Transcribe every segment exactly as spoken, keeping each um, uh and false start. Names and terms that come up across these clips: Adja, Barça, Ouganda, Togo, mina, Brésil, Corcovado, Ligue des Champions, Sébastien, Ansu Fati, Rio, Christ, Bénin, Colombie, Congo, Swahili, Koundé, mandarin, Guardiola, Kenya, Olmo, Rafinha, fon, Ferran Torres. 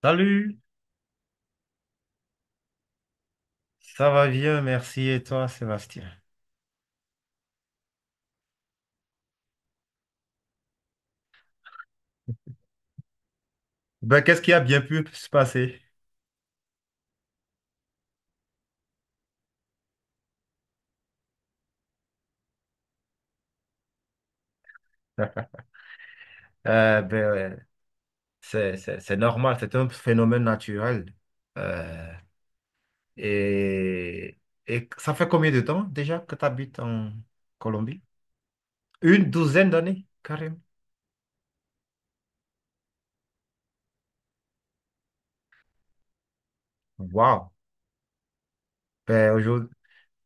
Salut, ça va bien, merci. Et toi, Sébastien? Ben, qu'est-ce qui a bien pu se passer? Euh, ben, euh, c'est, c'est- c'est normal, c'est un phénomène naturel. Euh, et, et ça fait combien de temps déjà que tu habites en Colombie? Une douzaine d'années, carrément. Wow. Ben, aujourd'hui,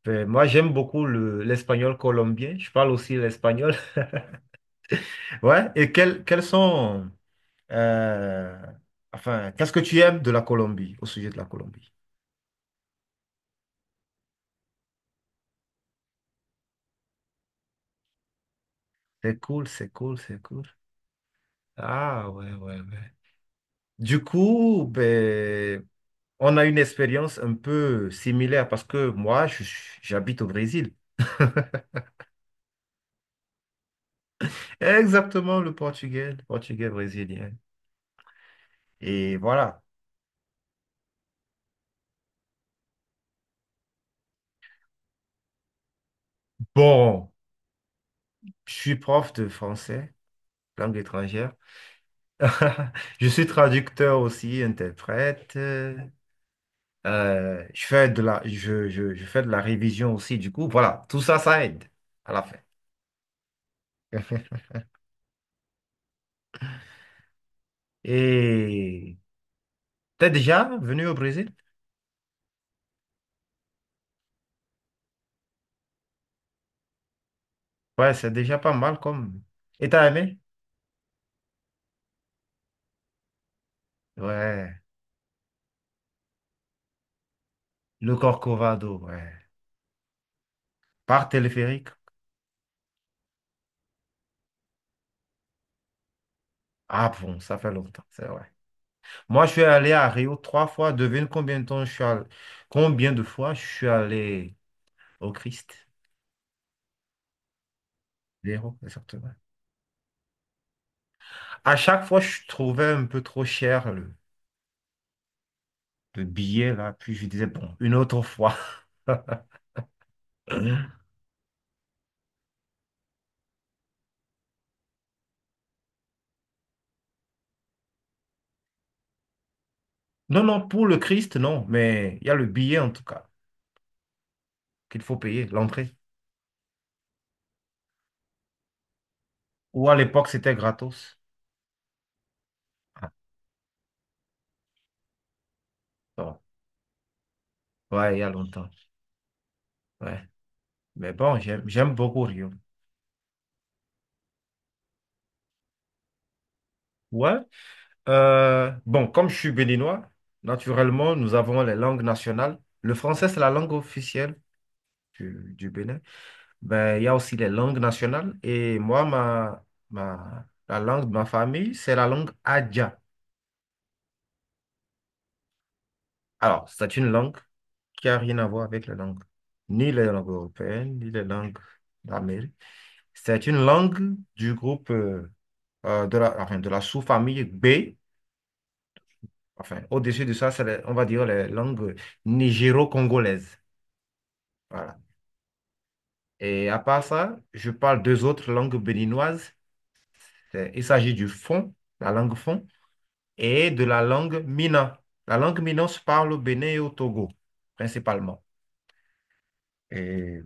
ben, moi, j'aime beaucoup le- l'espagnol colombien. Je parle aussi l'espagnol. Ouais. Et quels, quels sont, euh, enfin, qu'est-ce que tu aimes de la Colombie, au sujet de la Colombie? C'est cool, c'est cool, c'est cool. Ah ouais, ouais, ouais. Du coup, ben, on a une expérience un peu similaire parce que moi, je- j'habite au Brésil. Exactement, le portugais, le portugais brésilien. Et voilà. Bon, je suis prof de français, langue étrangère. Je suis traducteur aussi, interprète. Euh, je fais de la, je, je, je fais de la révision aussi. Du coup, voilà, tout ça, ça aide à la fin. Et t'es déjà venu au Brésil? Ouais, c'est déjà pas mal comme. Et t'as aimé? Ouais. Le Corcovado, ouais. Par téléphérique? Ah bon, ça fait longtemps, c'est vrai. Moi, je suis allé à Rio trois fois. Devine combien de temps je suis allé... Combien de fois je suis allé au Christ? Zéro, exactement. À chaque fois, je trouvais un peu trop cher le, le billet, là. Puis je disais, bon, une autre fois. Non, non, pour le Christ, non. Mais il y a le billet, en tout cas, qu'il faut payer, l'entrée. Ou à l'époque, c'était gratos. Ah, bon. Ouais, il y a longtemps. Ouais. Mais bon, j'aime, j'aime beaucoup Rio. Ouais. Euh, bon, comme je suis béninois, naturellement, nous avons les langues nationales. Le français, c'est la langue officielle du, du Bénin. Ben, il y a aussi les langues nationales. Et moi, ma, ma, la langue de ma famille, c'est la langue Adja. Alors, c'est une langue qui n'a rien à voir avec les langues, ni les langues européennes, ni les langues d'Amérique. C'est une langue du groupe, euh, euh, de la, enfin, de la sous-famille B. Enfin, au-dessus de ça, c'est, le- on va dire, les langues nigéro-congolaises. Voilà. Et à part ça, je parle deux autres langues béninoises. C'est- il s'agit du fon, la langue fon, et de la langue mina. La langue mina se parle au Bénin et au Togo, principalement. Et euh,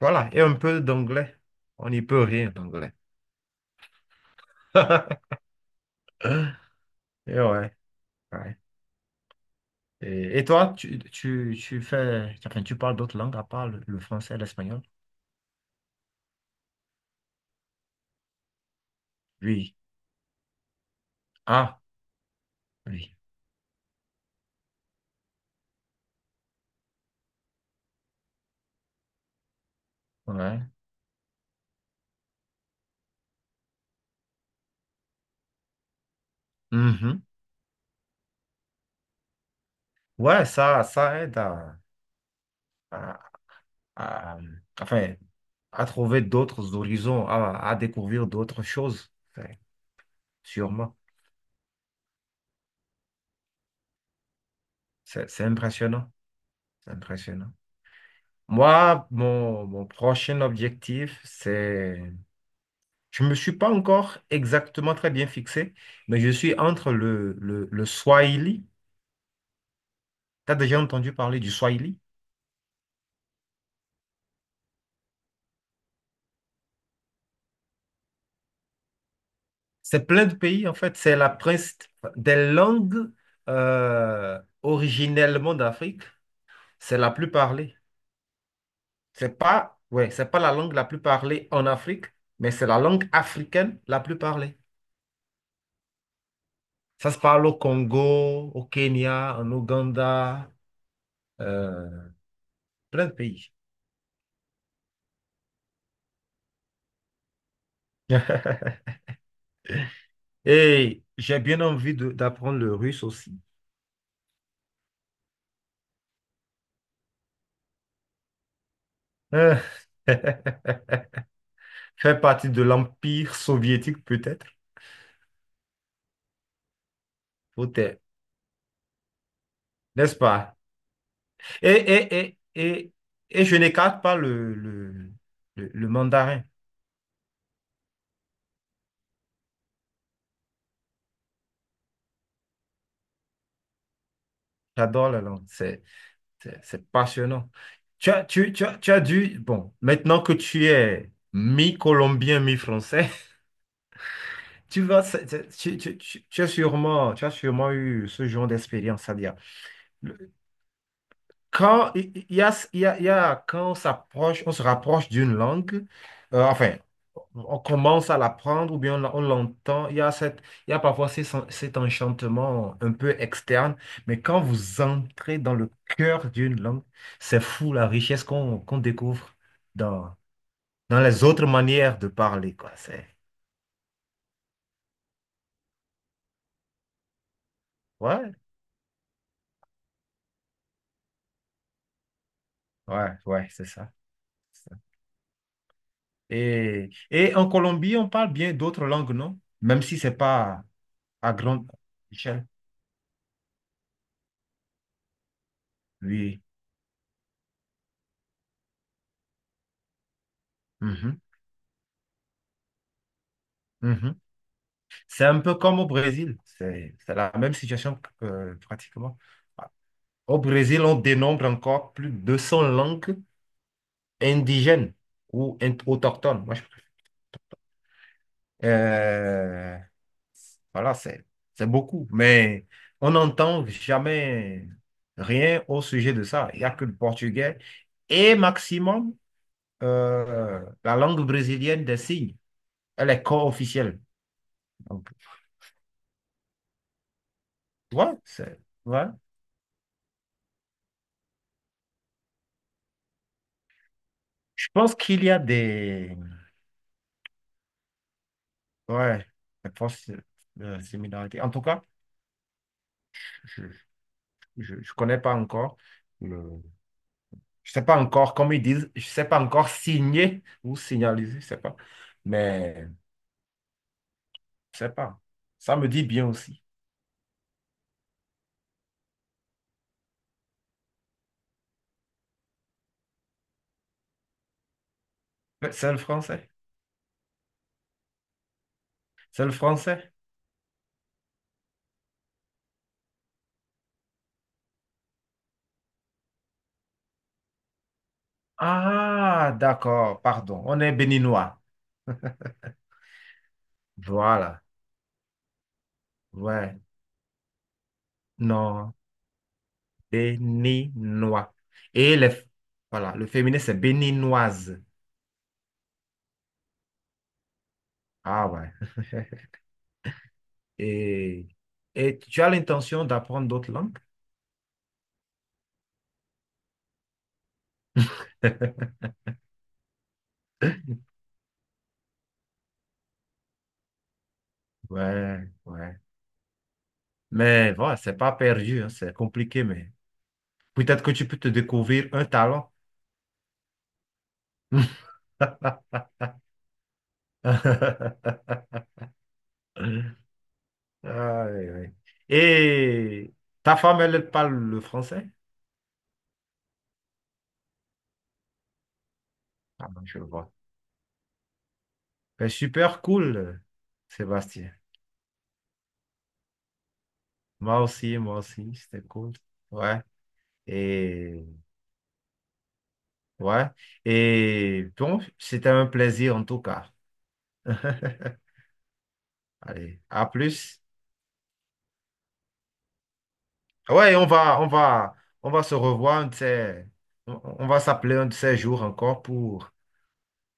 voilà, et un peu d'anglais. On n'y peut rien d'anglais. Et ouais, ouais. Et, et toi, tu, tu, tu fais, enfin, tu parles d'autres langues à part le, le français et l'espagnol? Oui. Ah, oui. Ouais. Mhm. Ouais, ça, ça aide à, à- à- enfin, à trouver d'autres horizons, à, à découvrir d'autres choses, enfin, sûrement. C'est, c'est impressionnant, c'est impressionnant. Moi, mon, mon prochain objectif, c'est... Je ne me suis pas encore exactement très bien fixé, mais je suis entre le, le, le Swahili. Tu as déjà entendu parler du Swahili? C'est plein de pays, en fait. C'est la prince enfin, des langues euh, originellement d'Afrique. C'est la plus parlée. C'est pas, ouais, c'est pas la langue la plus parlée en Afrique, mais c'est la langue africaine la plus parlée. Ça se parle au Congo, au Kenya, en Ouganda, euh, plein de pays. Et j'ai bien envie de- d'apprendre le russe aussi. Euh, Faire partie de l'Empire soviétique peut-être, peut-être, n'est-ce pas? Et, et, et, et, et je n'écarte pas le, le, le, le mandarin. J'adore la langue. C'est C'est c'est passionnant. Tu as, tu, tu as, tu as dû, bon, maintenant que tu es mi-colombien, mi-français, tu vas, c'est- c'est- tu, tu, tu, tu as sûrement, tu as sûrement eu ce genre d'expérience, c'est-à-dire, quand il il y a, il y a, il y a- quand on s'approche, on se rapproche d'une langue, euh, enfin, on commence à l'apprendre ou bien on, l'a- on l'entend, il y a cette, il y a parfois ces- sen- cet enchantement un peu externe, mais quand vous entrez dans le cœur d'une langue, c'est fou la richesse qu'on qu'on découvre dans, dans les autres manières de parler, quoi. C'est, ouais, ouais, ouais, c'est ça. C'est ça. Et, et en Colombie, on parle bien d'autres langues, non? Même si c'est pas à grande échelle. Oui. Mhm, mhm. C'est un peu comme au Brésil. C'est c'est la même situation que, pratiquement. Au Brésil, on dénombre encore plus de deux cents langues indigènes ou in- autochtones. Moi, je préfère. Euh, voilà, c'est c'est beaucoup. Mais on n'entend jamais rien au sujet de ça. Il n'y a que le portugais et maximum euh, la langue brésilienne des signes. Elle est co-officielle. Donc, ouais, c'est ouais. Je pense qu'il y a des, ouais, des forces euh, similarités. En tout cas, je ne connais pas encore le... Je sais pas encore, comme ils disent, je sais pas encore signer ou signaliser, je sais pas. Mais je sais pas. Ça me dit bien aussi. C'est le français. C'est le français. Ah, d'accord, pardon. On est béninois. Voilà. Ouais. Non, béninois. Et les... voilà, le féminin, c'est béninoise. Ah ouais. Et, et tu as l'intention d'apprendre d'autres langues? Ouais, ouais. Mais voilà, c'est pas perdu, hein, c'est compliqué, mais peut-être que tu peux te découvrir un talent. Ah, oui, oui. Et ta femme, elle elle parle le français? Ah, ben, je le vois. Ben, super cool, euh, Sébastien. Moi aussi, moi aussi, c'était cool. Ouais. Et ouais. Et bon, c'était un plaisir en tout cas. Allez, à plus. Ouais, on va, on va, on va se revoir, un de ces- on on va s'appeler un de ces jours encore pour,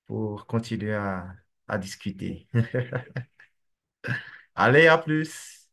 pour continuer à, à discuter. Allez, à plus.